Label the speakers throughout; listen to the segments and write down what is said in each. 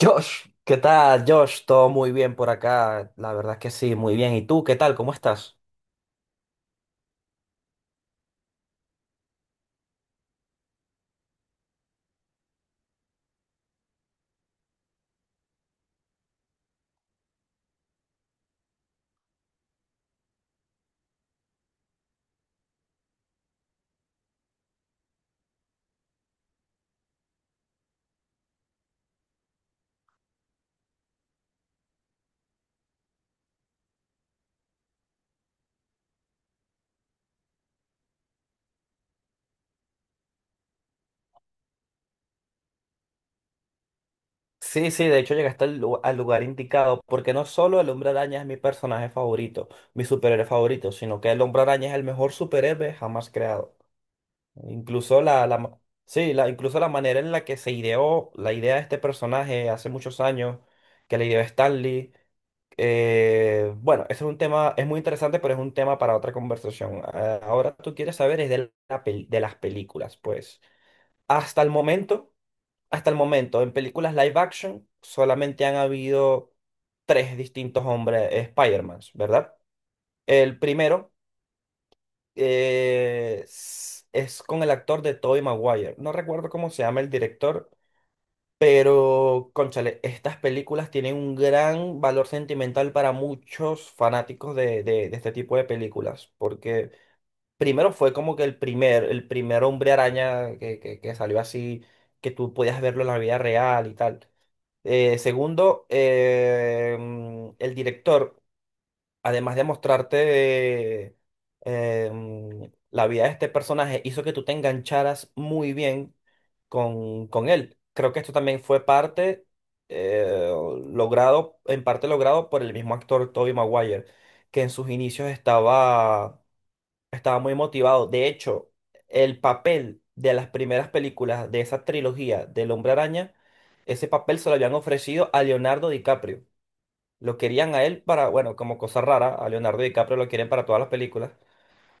Speaker 1: Josh, ¿qué tal, Josh? Todo muy bien por acá, la verdad es que sí, muy bien. ¿Y tú, qué tal? ¿Cómo estás? Sí, sí, de hecho llegaste al lugar indicado, porque no solo el Hombre Araña es mi personaje favorito, mi superhéroe favorito, sino que el Hombre Araña es el mejor superhéroe jamás creado. Incluso la, la, ma- incluso la manera en la que se ideó la idea de este personaje hace muchos años, que la ideó Stanley. Bueno, Ese es un tema, es muy interesante, pero es un tema para otra conversación. Ahora tú quieres saber es de las películas, pues. Hasta el momento, hasta el momento, en películas live action solamente han habido tres distintos hombres Spider-Man, ¿verdad? El primero es con el actor de Tobey Maguire. No recuerdo cómo se llama el director, pero, cónchale, estas películas tienen un gran valor sentimental para muchos fanáticos de este tipo de películas, porque primero fue como que el primer hombre araña que salió así, que tú podías verlo en la vida real y tal. Segundo, el director además de mostrarte la vida de este personaje, hizo que tú te engancharas muy bien con él. Creo que esto también fue parte eh, logrado, en parte logrado por el mismo actor Tobey Maguire, que en sus inicios estaba, estaba muy motivado. De hecho, el papel de las primeras películas de esa trilogía del Hombre Araña, ese papel se lo habían ofrecido a Leonardo DiCaprio. Lo querían a él para, bueno, como cosa rara, a Leonardo DiCaprio lo quieren para todas las películas.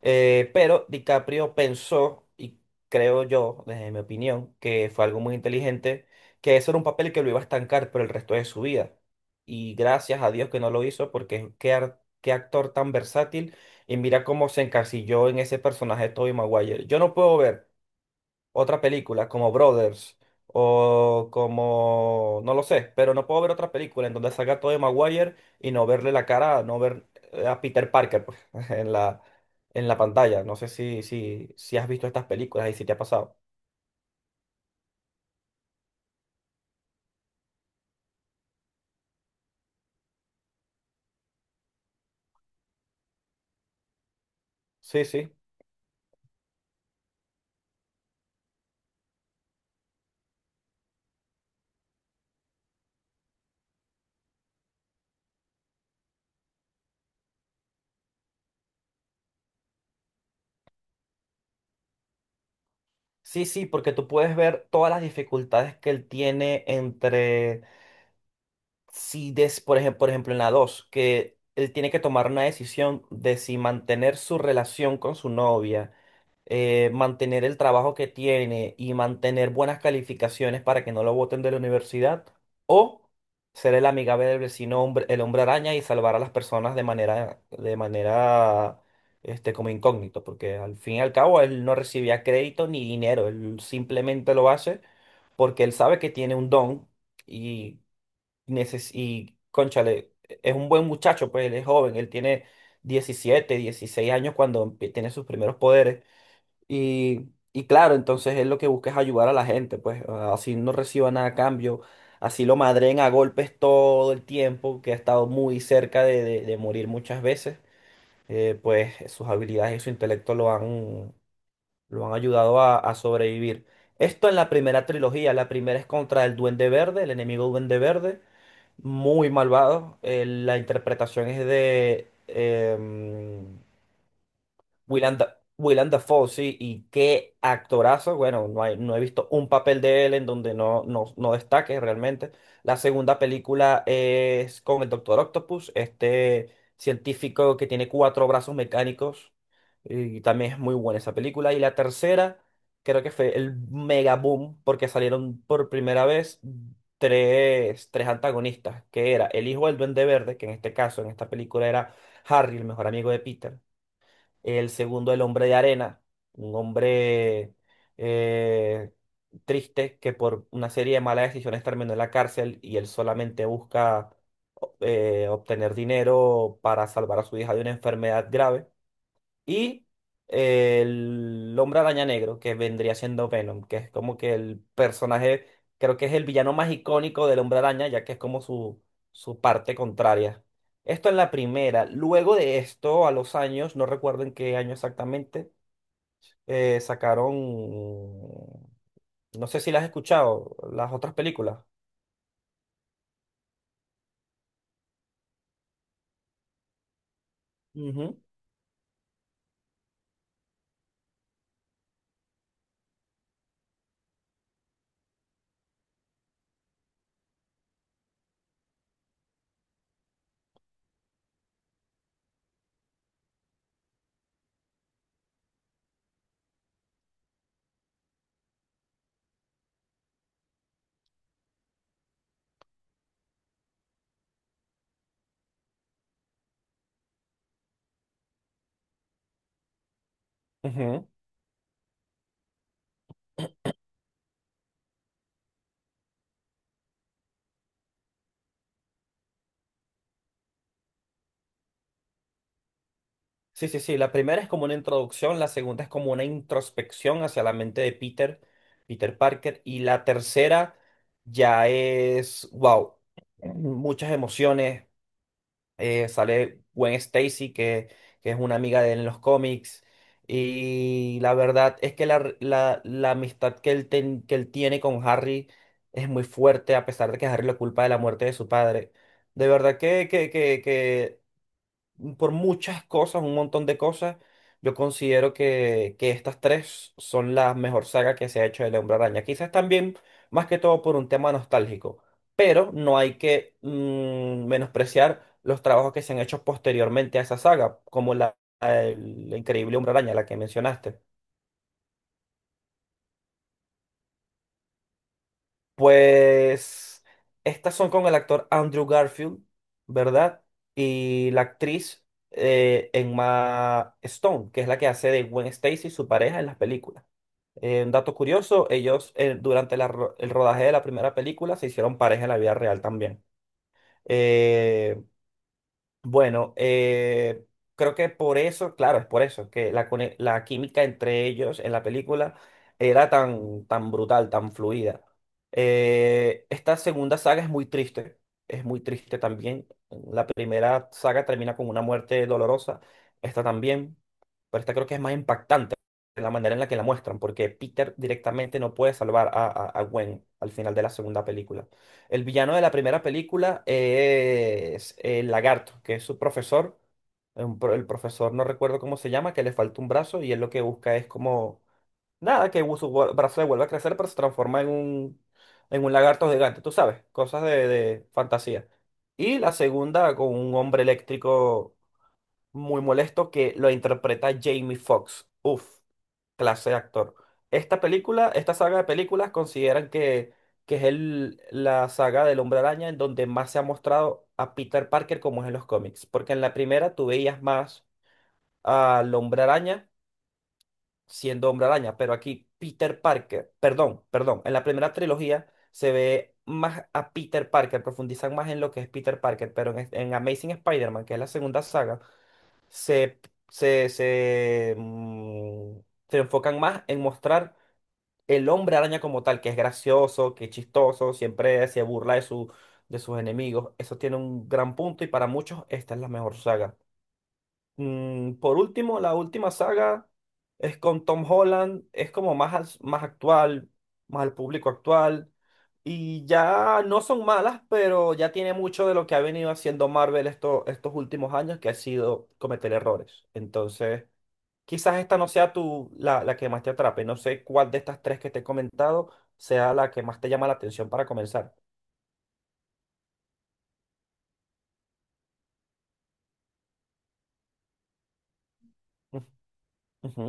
Speaker 1: Pero DiCaprio pensó, y creo yo, desde mi opinión, que fue algo muy inteligente, que eso era un papel que lo iba a estancar por el resto de su vida. Y gracias a Dios que no lo hizo, porque qué actor tan versátil. Y mira cómo se encasilló en ese personaje de Tobey Maguire. Yo no puedo ver otra película como Brothers o como, no lo sé, pero no puedo ver otra película en donde salga Tobey Maguire y no verle la cara, no ver a Peter Parker pues, en la, en la pantalla. No sé si has visto estas películas y si te ha pasado. Sí, sí. Sí, sí, porque tú puedes ver todas las dificultades que él tiene entre, si des, por ejemplo en la 2 que él tiene que tomar una decisión de si mantener su relación con su novia, mantener el trabajo que tiene y mantener buenas calificaciones para que no lo voten de la universidad, o ser el amigable del vecino hombre, el hombre araña y salvar a las personas de manera, este, como incógnito, porque al fin y al cabo él no recibía crédito ni dinero, él simplemente lo hace porque él sabe que tiene un don y, neces y cónchale, es un buen muchacho, pues él es joven, él tiene 17 16 años cuando empie- tiene sus primeros poderes. Y claro, entonces él lo que busca es ayudar a la gente, pues así no reciba nada a cambio, así lo madren a golpes todo el tiempo, que ha estado muy cerca de morir muchas veces, pues sus habilidades y su intelecto lo han ayudado a sobrevivir. Esto en la primera trilogía, la primera es contra el Duende Verde, el enemigo Duende Verde, muy malvado, la interpretación es de... Willem, Willem Dafoe, sí, y qué actorazo. Bueno, no hay, no he visto un papel de él en donde no destaque realmente. La segunda película es con el Doctor Octopus, este científico que tiene cuatro brazos mecánicos, y también es muy buena esa película. Y la tercera, creo que fue el mega boom, porque salieron por primera vez tres antagonistas, que era el hijo del Duende Verde, que en este caso, en esta película era Harry, el mejor amigo de Peter el segundo, El hombre de arena, un hombre eh, triste que por una serie de malas decisiones terminó en la cárcel y él solamente busca obtener dinero para salvar a su hija de una enfermedad grave. Y el Hombre Araña Negro, que vendría siendo Venom, que es como que el personaje, creo que es el villano más icónico del Hombre Araña, ya que es como su parte contraria. Esto en la primera. Luego de esto, a los años, no recuerdo en qué año exactamente, sacaron, no sé si las has escuchado, las otras películas. Ujú, ujú. Sí, sí, sí. La primera es como una introducción, la segunda es como una introspección hacia la mente de Peter Parker, y la tercera ya es, wow, muchas emociones. Sale Gwen Stacy, que es una amiga de él en los cómics, y la verdad es que la amistad que él, que él tiene con Harry es muy fuerte, a pesar de que Harry lo culpa de la muerte de su padre. De verdad que por muchas cosas, un montón de cosas. Yo considero que estas tres son la mejor saga que se ha hecho del Hombre Araña. Quizás también, más que todo, por un tema nostálgico. Pero no hay que menospreciar los trabajos que se han hecho posteriormente a esa saga, como la del Increíble Hombre Araña, la que mencionaste. Pues estas son con el actor Andrew Garfield, ¿verdad? Y la actriz Emma Stone, que es la que hace de Gwen Stacy, su pareja en las películas. Un dato curioso, ellos durante el rodaje de la primera película se hicieron pareja en la vida real también. Eh, bueno, eh, Creo que por eso, claro, es por eso, que la química entre ellos en la película era tan, tan brutal, tan fluida. Esta segunda saga es muy triste también. La primera saga termina con una muerte dolorosa, esta también, pero esta creo que es más impactante la manera en la que la muestran, porque Peter directamente no puede salvar a Gwen al final de la segunda película. El villano de la primera película es el lagarto, que es su profesor. El profesor no recuerdo cómo se llama, que le falta un brazo y él lo que busca es como, nada, que su brazo le vuelva a crecer, pero se transforma en un lagarto gigante, tú sabes, cosas de fantasía. Y la segunda con un hombre eléctrico muy molesto que lo interpreta Jamie Foxx. Uf, clase de actor. Esta película, esta saga de películas consideran que es el, la saga del Hombre Araña en donde más se ha mostrado a Peter Parker como es en los cómics. Porque en la primera tú veías más al Hombre Araña siendo Hombre Araña, pero aquí Peter Parker, perdón, perdón, en la primera trilogía se ve más a Peter Parker, profundizan más en lo que es Peter Parker, pero en Amazing Spider-Man, que es la segunda saga, se, se, se, mm, se enfocan más en mostrar el hombre araña como tal, que es gracioso, que es chistoso, siempre se burla de, su, de sus enemigos. Eso tiene un gran punto y para muchos esta es la mejor saga. Por último, la última saga es con Tom Holland, es como más, más actual, más al público actual. Y ya no son malas, pero ya tiene mucho de lo que ha venido haciendo Marvel estos últimos años, que ha sido cometer errores. Entonces, quizás esta no sea la que más te atrape. No sé cuál de estas tres que te he comentado sea la que más te llama la atención para comenzar. Ujú. Ujú.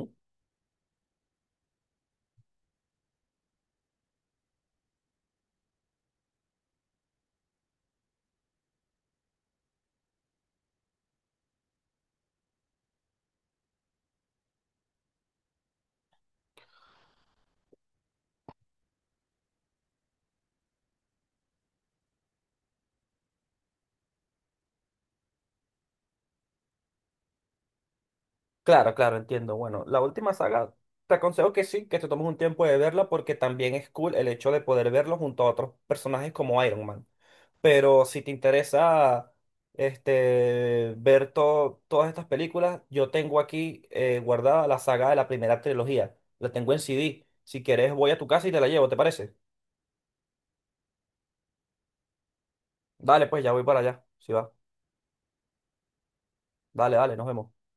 Speaker 1: Claro, claro, entiendo. Bueno, la última saga, te aconsejo que sí, que te tomes un tiempo de verla porque también es cool el hecho de poder verlo junto a otros personajes como Iron Man. Pero si te interesa este, ver todas estas películas, yo tengo aquí guardada la saga de la primera trilogía. La tengo en CD. Si quieres, voy a tu casa y te la llevo, ¿te parece? Dale, pues ya voy para allá. Si va. Dale, dale, nos vemos.